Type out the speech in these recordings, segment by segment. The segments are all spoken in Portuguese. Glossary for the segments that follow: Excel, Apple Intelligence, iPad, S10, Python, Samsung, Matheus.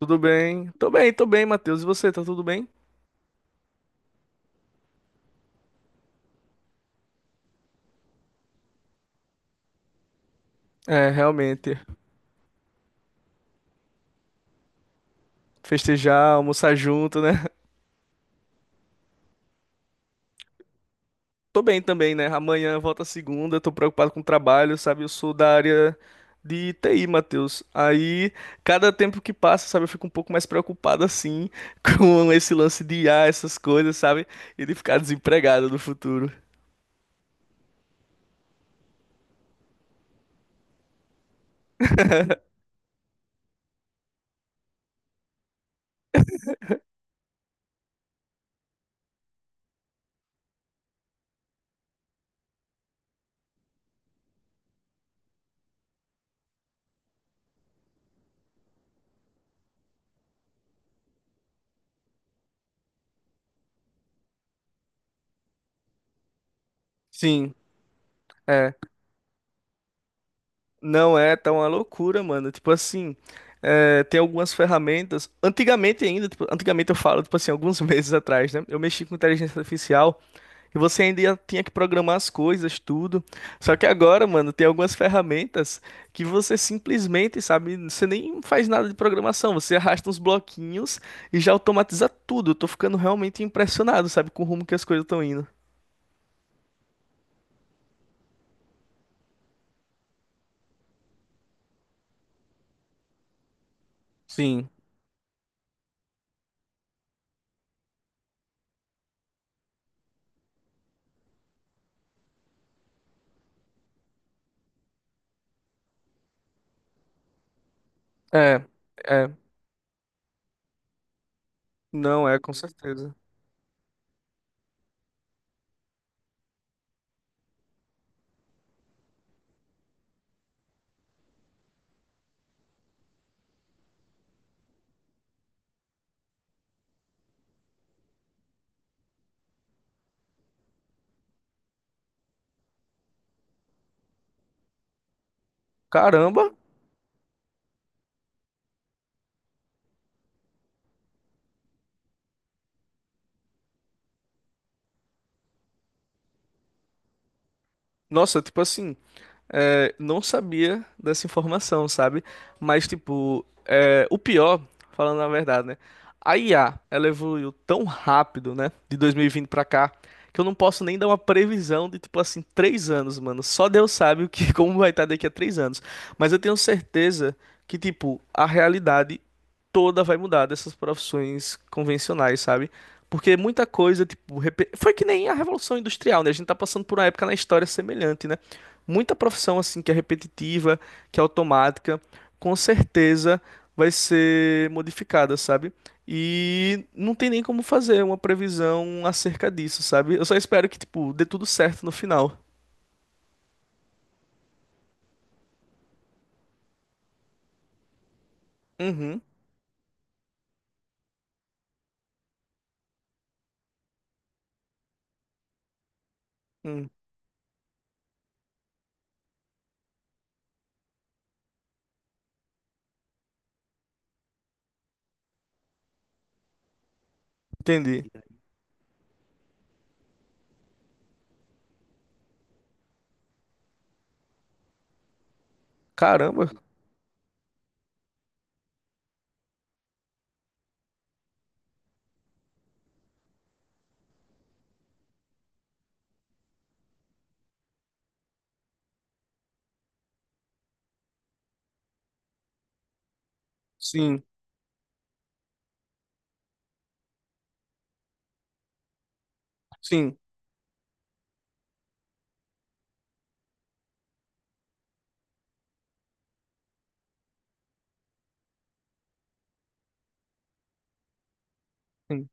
Tudo bem? Tô bem, tô bem, Matheus. E você, tá tudo bem? É, realmente. Festejar, almoçar junto, né? Tô bem também, né? Amanhã volta a segunda, tô preocupado com o trabalho, sabe? Eu sou da área de TI, Matheus. Aí, cada tempo que passa, sabe, eu fico um pouco mais preocupado assim com esse lance de I a essas coisas, sabe? E de ficar desempregado no futuro. Sim, é. Não é, tá uma loucura, mano. Tipo assim, é, tem algumas ferramentas. Antigamente ainda, tipo, antigamente eu falo, tipo assim, alguns meses atrás, né? Eu mexi com inteligência artificial e você ainda tinha que programar as coisas, tudo. Só que agora, mano, tem algumas ferramentas que você simplesmente, sabe, você nem faz nada de programação, você arrasta uns bloquinhos e já automatiza tudo. Eu tô ficando realmente impressionado, sabe, com o rumo que as coisas estão indo. Sim, é, é, não é, com certeza. Caramba! Nossa, tipo assim, é, não sabia dessa informação, sabe? Mas, tipo, é, o pior, falando a verdade, né? A IA, ela evoluiu tão rápido, né? De 2020 pra cá, que eu não posso nem dar uma previsão de, tipo assim, 3 anos, mano. Só Deus sabe o que, como vai estar daqui a 3 anos. Mas eu tenho certeza que, tipo, a realidade toda vai mudar dessas profissões convencionais, sabe? Porque muita coisa, tipo, foi que nem a Revolução Industrial, né? A gente tá passando por uma época na história semelhante, né? Muita profissão assim que é repetitiva, que é automática, com certeza vai ser modificada, sabe? E não tem nem como fazer uma previsão acerca disso, sabe? Eu só espero que, tipo, dê tudo certo no final. Uhum, hum, entendi. Caramba. Sim, sim, sim.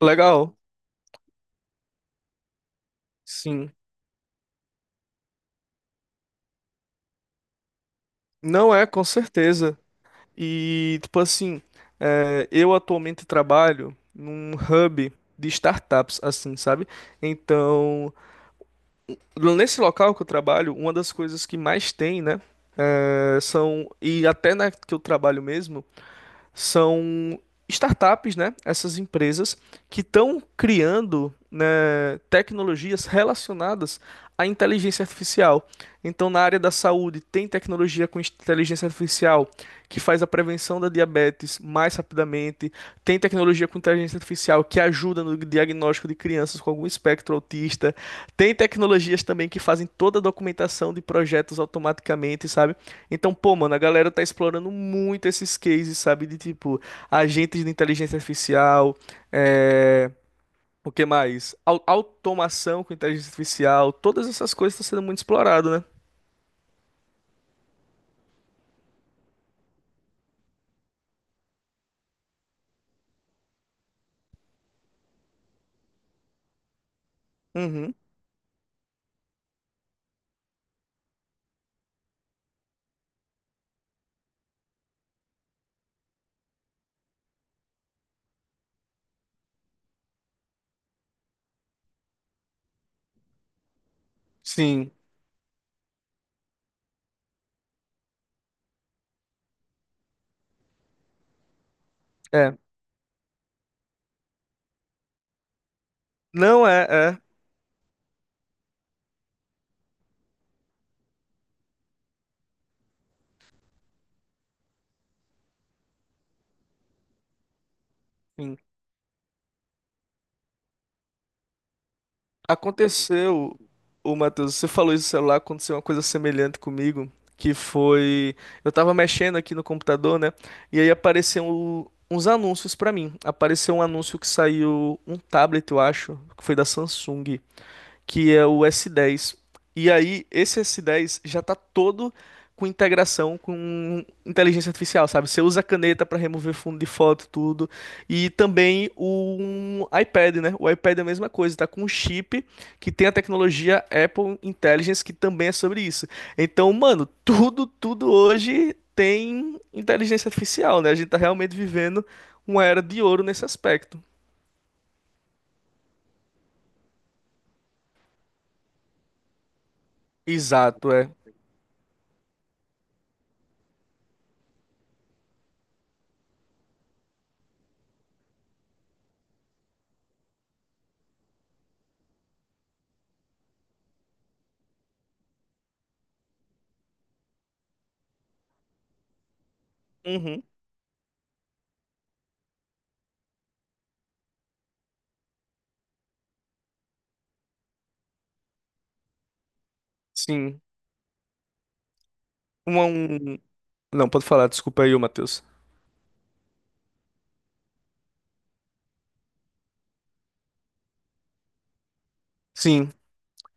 Legal. Sim. Não é, com certeza. E, tipo assim, é, eu atualmente trabalho num hub de startups, assim, sabe? Então, nesse local que eu trabalho, uma das coisas que mais tem, né? É, são, e até na que eu trabalho mesmo, são startups, né? Essas empresas que estão criando, né, tecnologias relacionadas à inteligência artificial. Então, na área da saúde, tem tecnologia com inteligência artificial que faz a prevenção da diabetes mais rapidamente, tem tecnologia com inteligência artificial que ajuda no diagnóstico de crianças com algum espectro autista, tem tecnologias também que fazem toda a documentação de projetos automaticamente, sabe? Então, pô, mano, a galera tá explorando muito esses cases, sabe? De tipo, agentes de inteligência artificial, é... o que mais? Automação com inteligência artificial, todas essas coisas estão sendo muito explorado, né? Uhum. Sim, é. Não é, é. Sim. Aconteceu, o Matheus, você falou isso do celular, aconteceu uma coisa semelhante comigo, que foi, eu tava mexendo aqui no computador, né? E aí apareceu uns anúncios pra mim. Apareceu um anúncio que saiu um tablet, eu acho, que foi da Samsung que é o S10. E aí, esse S10 já tá todo com integração com inteligência artificial, sabe? Você usa a caneta para remover fundo de foto, tudo. E também o um iPad, né? O iPad é a mesma coisa, tá com um chip que tem a tecnologia Apple Intelligence, que também é sobre isso. Então, mano, tudo hoje tem inteligência artificial, né? A gente tá realmente vivendo uma era de ouro nesse aspecto. Exato, é. Uhum, sim. Um, Não, pode falar, desculpa aí, ô Matheus. Sim,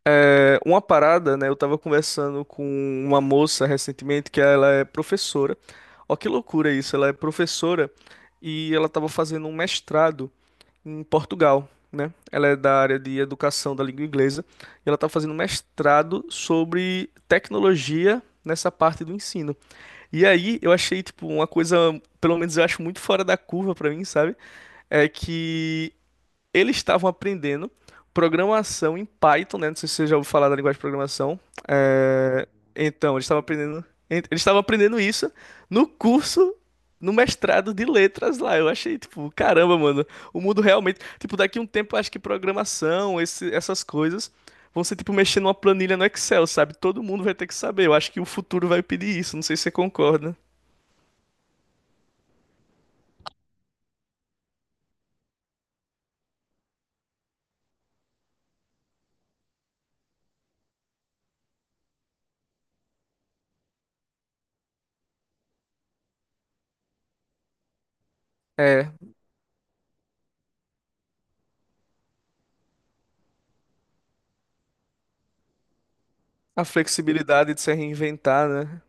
é, uma parada, né? Eu tava conversando com uma moça recentemente que ela é professora. Ó, que loucura isso, ela é professora e ela tava fazendo um mestrado em Portugal, né? Ela é da área de educação da língua inglesa e ela tá fazendo um mestrado sobre tecnologia nessa parte do ensino. E aí eu achei, tipo, uma coisa, pelo menos eu acho muito fora da curva pra mim, sabe? É que eles estavam aprendendo programação em Python, né? Não sei se você já ouviu falar da linguagem de programação. É, Então, eles estavam aprendendo isso no curso, no mestrado de letras lá. Eu achei, tipo, caramba, mano, o mundo realmente, tipo, daqui a um tempo eu acho que programação, essas coisas vão ser tipo mexer numa planilha no Excel, sabe? Todo mundo vai ter que saber. Eu acho que o futuro vai pedir isso, não sei se você concorda. É, a flexibilidade de se reinventar, né?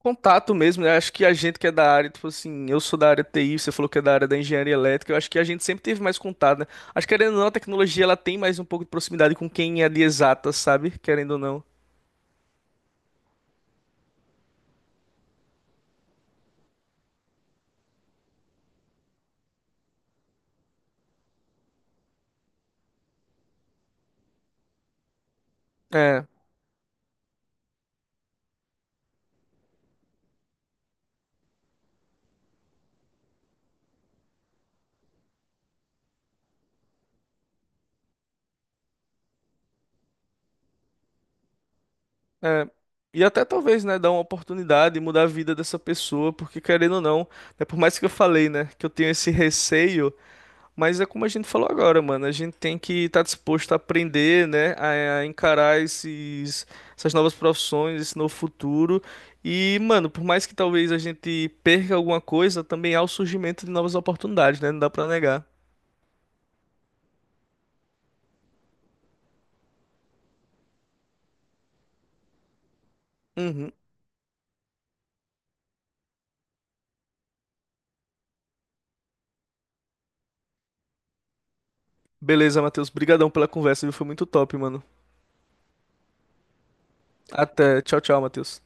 Contato mesmo, né? Acho que a gente que é da área, tipo assim, eu sou da área TI, você falou que é da área da engenharia elétrica, eu acho que a gente sempre teve mais contato, né? Acho que, querendo ou não, a tecnologia ela tem mais um pouco de proximidade com quem é de exatas, sabe? Querendo ou não. É, é. E até talvez, né, dar uma oportunidade e mudar a vida dessa pessoa, porque querendo ou não, né, por mais que eu falei, né, que eu tenho esse receio. Mas é como a gente falou agora, mano. A gente tem que estar disposto a aprender, né? A encarar essas novas profissões, esse novo futuro. E, mano, por mais que talvez a gente perca alguma coisa, também há o surgimento de novas oportunidades, né? Não dá pra negar. Uhum. Beleza, Matheus. Brigadão pela conversa, viu? Foi muito top, mano. Até. Tchau, tchau, Matheus.